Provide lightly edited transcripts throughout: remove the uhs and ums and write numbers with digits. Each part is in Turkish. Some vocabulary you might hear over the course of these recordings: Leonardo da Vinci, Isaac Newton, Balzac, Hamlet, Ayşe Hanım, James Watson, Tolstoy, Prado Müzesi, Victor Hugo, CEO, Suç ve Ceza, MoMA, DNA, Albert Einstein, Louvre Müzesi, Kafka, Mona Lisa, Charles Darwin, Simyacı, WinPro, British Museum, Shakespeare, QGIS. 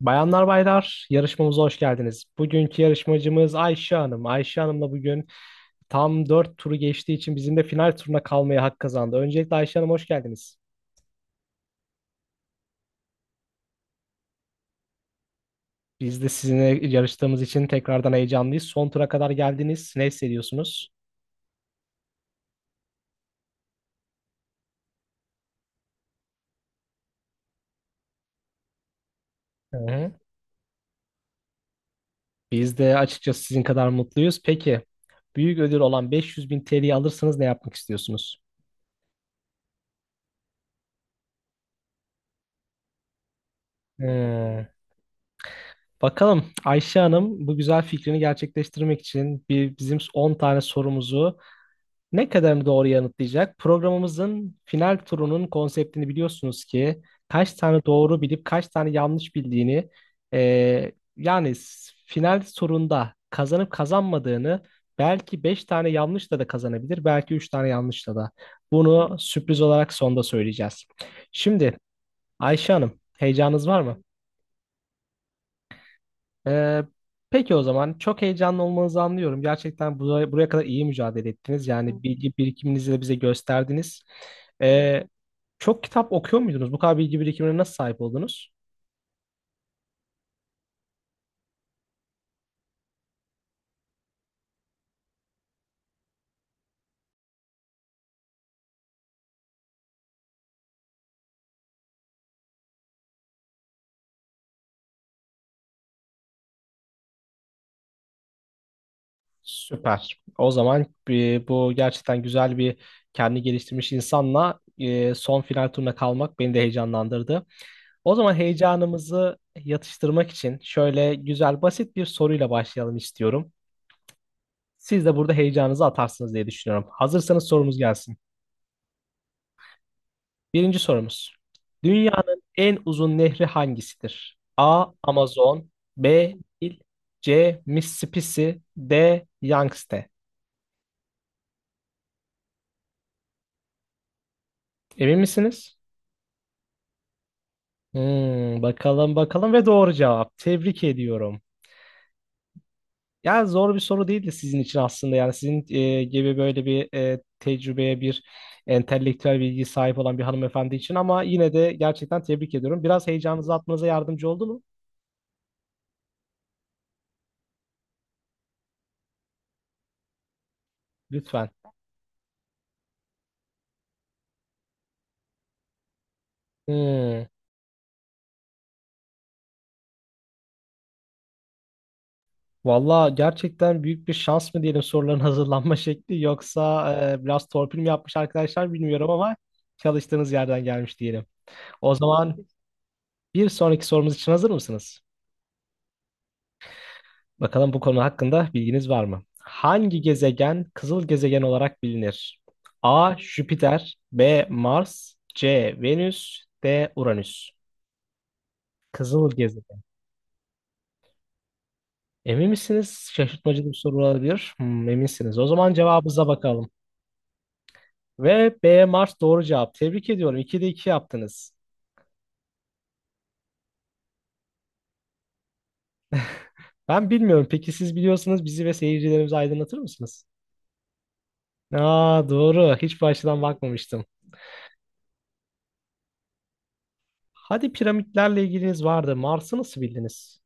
Bayanlar baylar, yarışmamıza hoş geldiniz. Bugünkü yarışmacımız Ayşe Hanım. Ayşe Hanım'la bugün tam 4 turu geçtiği için bizim de final turuna kalmaya hak kazandı. Öncelikle Ayşe Hanım hoş geldiniz. Biz de sizinle yarıştığımız için tekrardan heyecanlıyız. Son tura kadar geldiniz. Ne hissediyorsunuz? Hı hı. Biz de açıkçası sizin kadar mutluyuz. Peki, büyük ödül olan 500 bin TL'yi alırsanız ne yapmak istiyorsunuz? Hmm. Bakalım Ayşe Hanım bu güzel fikrini gerçekleştirmek için bizim 10 tane sorumuzu ne kadarını doğru yanıtlayacak? Programımızın final turunun konseptini biliyorsunuz ki kaç tane doğru bilip kaç tane yanlış bildiğini yani final turunda kazanıp kazanmadığını belki 5 tane yanlışla da kazanabilir belki 3 tane yanlışla da. Bunu sürpriz olarak sonda söyleyeceğiz. Şimdi Ayşe Hanım heyecanınız var mı? Ee, peki o zaman çok heyecanlı olmanızı anlıyorum. Gerçekten buraya kadar iyi mücadele ettiniz. Yani bilgi birikiminizi de bize gösterdiniz. Ee, çok kitap okuyor muydunuz? Bu kadar bilgi birikimine nasıl sahip oldunuz? Süper. O zaman bu gerçekten güzel bir kendi geliştirmiş insanla son final turuna kalmak beni de heyecanlandırdı. O zaman heyecanımızı yatıştırmak için şöyle güzel basit bir soruyla başlayalım istiyorum. Siz de burada heyecanınızı atarsınız diye düşünüyorum. Hazırsanız sorumuz gelsin. Birinci sorumuz. Dünyanın en uzun nehri hangisidir? A. Amazon B. Nil C. Mississippi D. Yangtze. Emin misiniz? Hmm, bakalım ve doğru cevap. Tebrik ediyorum. Ya zor bir soru değildi sizin için aslında. Yani sizin gibi böyle bir tecrübeye bir entelektüel bilgi sahip olan bir hanımefendi için ama yine de gerçekten tebrik ediyorum. Biraz heyecanınızı atmanıza yardımcı oldu mu? Lütfen. Hmm. Valla gerçekten büyük bir şans mı diyelim soruların hazırlanma şekli yoksa biraz torpil mi yapmış arkadaşlar bilmiyorum ama çalıştığınız yerden gelmiş diyelim. O zaman bir sonraki sorumuz için hazır mısınız? Bakalım bu konu hakkında bilginiz var mı? Hangi gezegen kızıl gezegen olarak bilinir? A. Jüpiter B. Mars C. Venüs D. Uranüs. Kızıl gezegen. Emin misiniz? Şaşırtmacı bir soru olabilir. Hmm, eminsiniz. O zaman cevabınıza bakalım. Ve B Mars doğru cevap. Tebrik ediyorum. 2'de iki yaptınız. Ben bilmiyorum. Peki siz biliyorsanız bizi ve seyircilerimizi aydınlatır mısınız? Aa doğru. Hiç bu açıdan bakmamıştım. Hadi piramitlerle ilginiz vardı. Mars'ı nasıl bildiniz?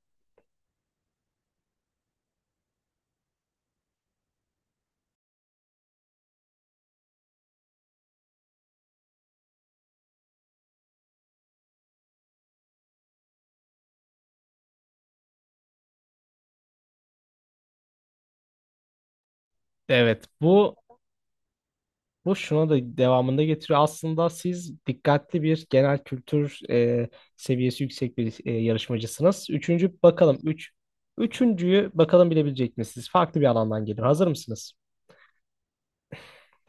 Evet, bu şuna da devamında getiriyor. Aslında siz dikkatli bir genel kültür seviyesi yüksek bir yarışmacısınız. Üçüncü bakalım. Üçüncüyü bakalım bilebilecek misiniz? Farklı bir alandan gelir. Hazır mısınız?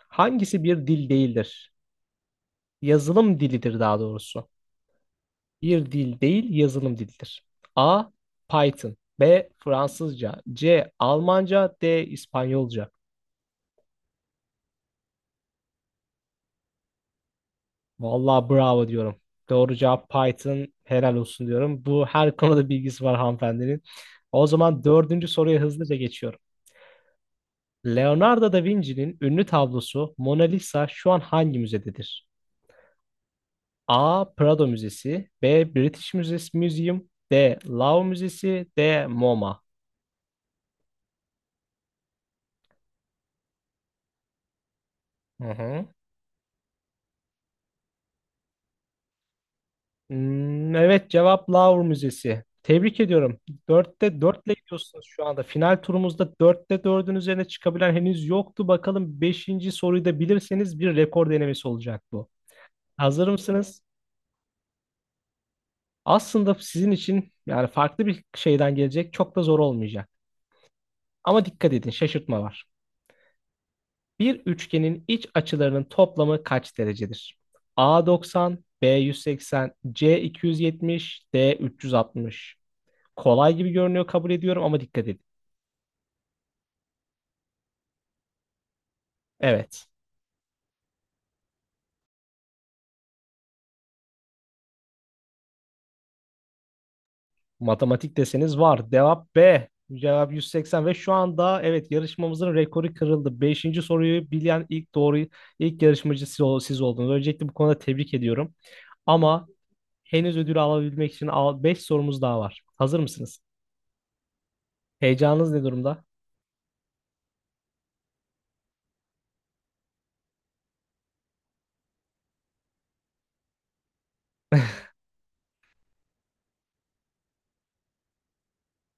Hangisi bir dil değildir? Yazılım dilidir daha doğrusu. Bir dil değil, yazılım dilidir. A. Python. B. Fransızca. C. Almanca. D. İspanyolca. Vallahi bravo diyorum. Doğru cevap Python. Helal olsun diyorum. Bu her konuda bilgisi var hanımefendinin. O zaman dördüncü soruya hızlıca geçiyorum. Leonardo da Vinci'nin ünlü tablosu Mona Lisa şu an hangi müzededir? A. Prado Müzesi B. British Museum Museum D. Louvre Müzesi D. MoMA. Hı hı. Hmm, evet cevap Louvre Müzesi. Tebrik ediyorum. Dörtte dörtle gidiyorsunuz şu anda. Final turumuzda dörtte dördün üzerine çıkabilen henüz yoktu. Bakalım beşinci soruyu da bilirseniz bir rekor denemesi olacak bu. Hazır mısınız? Aslında sizin için yani farklı bir şeyden gelecek. Çok da zor olmayacak. Ama dikkat edin şaşırtma var. Bir üçgenin iç açılarının toplamı kaç derecedir? A 90, B 180, C 270, D 360. Kolay gibi görünüyor kabul ediyorum ama dikkat edin. Evet. Matematik deseniz var. Cevap B. Cevap 180 ve şu anda evet yarışmamızın rekoru kırıldı. Beşinci soruyu bilen ilk doğru ilk yarışmacı siz oldunuz. Öncelikle bu konuda tebrik ediyorum. Ama henüz ödülü alabilmek için 5 sorumuz daha var. Hazır mısınız? Heyecanınız ne durumda?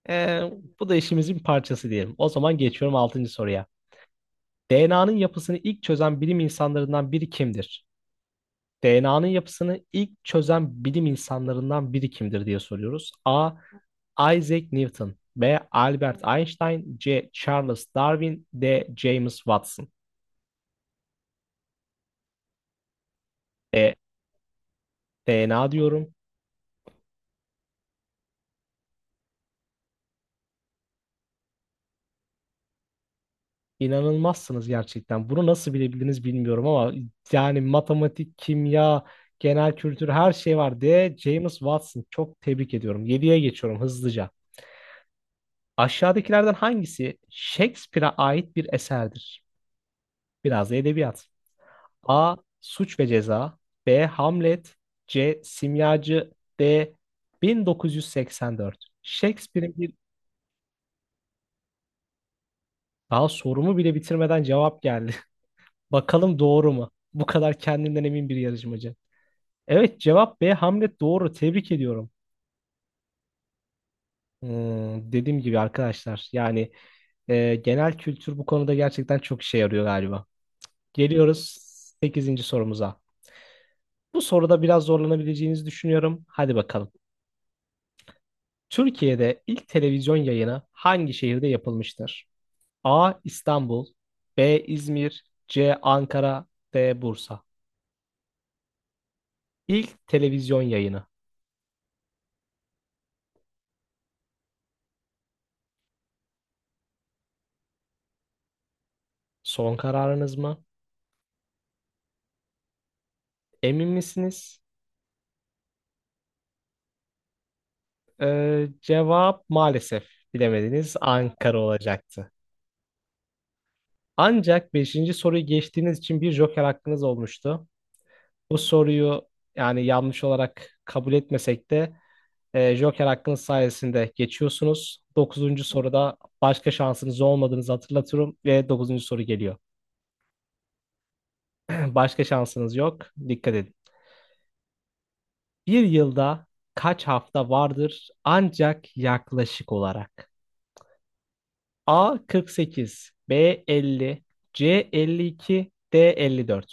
Ee, bu da işimizin parçası diyelim. O zaman geçiyorum altıncı soruya. DNA'nın yapısını ilk çözen bilim insanlarından biri kimdir? DNA'nın yapısını ilk çözen bilim insanlarından biri kimdir diye soruyoruz. A. Isaac Newton B. Albert Einstein C. Charles Darwin D. James Watson E. DNA diyorum. İnanılmazsınız gerçekten. Bunu nasıl bilebildiniz bilmiyorum ama yani matematik, kimya, genel kültür her şey var D. James Watson. Çok tebrik ediyorum. 7'ye geçiyorum hızlıca. Aşağıdakilerden hangisi Shakespeare'a ait bir eserdir? Biraz da edebiyat. A. Suç ve Ceza B. Hamlet C. Simyacı D. 1984. Shakespeare'in bir... Daha sorumu bile bitirmeden cevap geldi. Bakalım doğru mu? Bu kadar kendinden emin bir yarışmacı. Evet cevap B. Hamlet doğru. Tebrik ediyorum. Hmm, dediğim gibi arkadaşlar yani genel kültür bu konuda gerçekten çok işe yarıyor galiba. Geliyoruz sekizinci sorumuza. Bu soruda biraz zorlanabileceğinizi düşünüyorum. Hadi bakalım. Türkiye'de ilk televizyon yayını hangi şehirde yapılmıştır? A. İstanbul B. İzmir C. Ankara D. Bursa. İlk televizyon yayını. Son kararınız mı? Emin misiniz? Cevap maalesef bilemediniz. Ankara olacaktı. Ancak beşinci soruyu geçtiğiniz için bir joker hakkınız olmuştu. Bu soruyu yani yanlış olarak kabul etmesek de joker hakkınız sayesinde geçiyorsunuz. Dokuzuncu soruda başka şansınız olmadığınızı hatırlatıyorum ve dokuzuncu soru geliyor. Başka şansınız yok. Dikkat edin. Bir yılda kaç hafta vardır ancak yaklaşık olarak? A 48, B 50, C 52, D 54.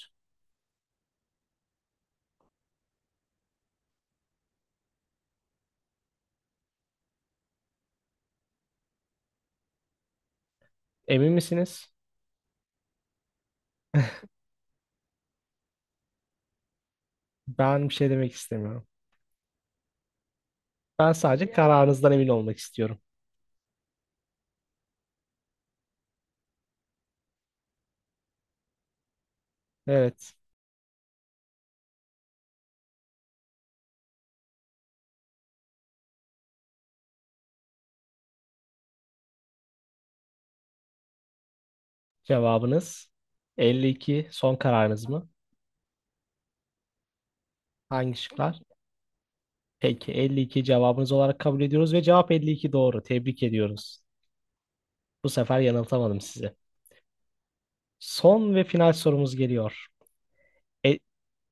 Emin misiniz? Ben bir şey demek istemiyorum. Ben sadece kararınızdan emin olmak istiyorum. Evet. Cevabınız 52. Son kararınız mı? Hangi şıklar? Peki 52 cevabınız olarak kabul ediyoruz ve cevap 52 doğru. Tebrik ediyoruz. Bu sefer yanıltamadım sizi. Son ve final sorumuz geliyor. E-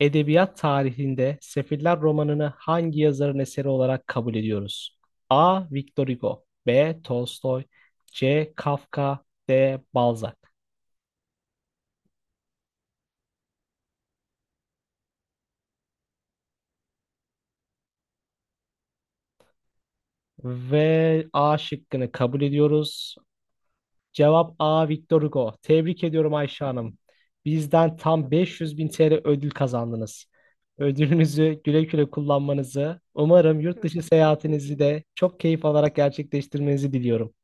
Edebiyat tarihinde Sefiller romanını hangi yazarın eseri olarak kabul ediyoruz? A. Victor Hugo B. Tolstoy C. Kafka D. Balzac. Ve A şıkkını kabul ediyoruz. Cevap A. Victor Hugo. Tebrik ediyorum Ayşe Hanım. Bizden tam 500 bin TL ödül kazandınız. Ödülünüzü güle güle kullanmanızı, umarım yurt dışı seyahatinizi de çok keyif alarak gerçekleştirmenizi diliyorum.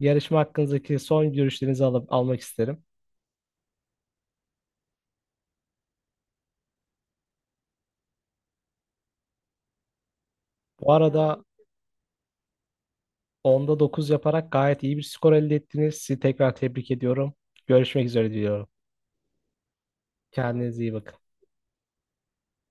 Yarışma hakkınızdaki son görüşlerinizi alıp almak isterim. Bu arada 10'da 9 yaparak gayet iyi bir skor elde ettiniz. Sizi tekrar tebrik ediyorum. Görüşmek üzere diliyorum. Kendinize iyi bakın.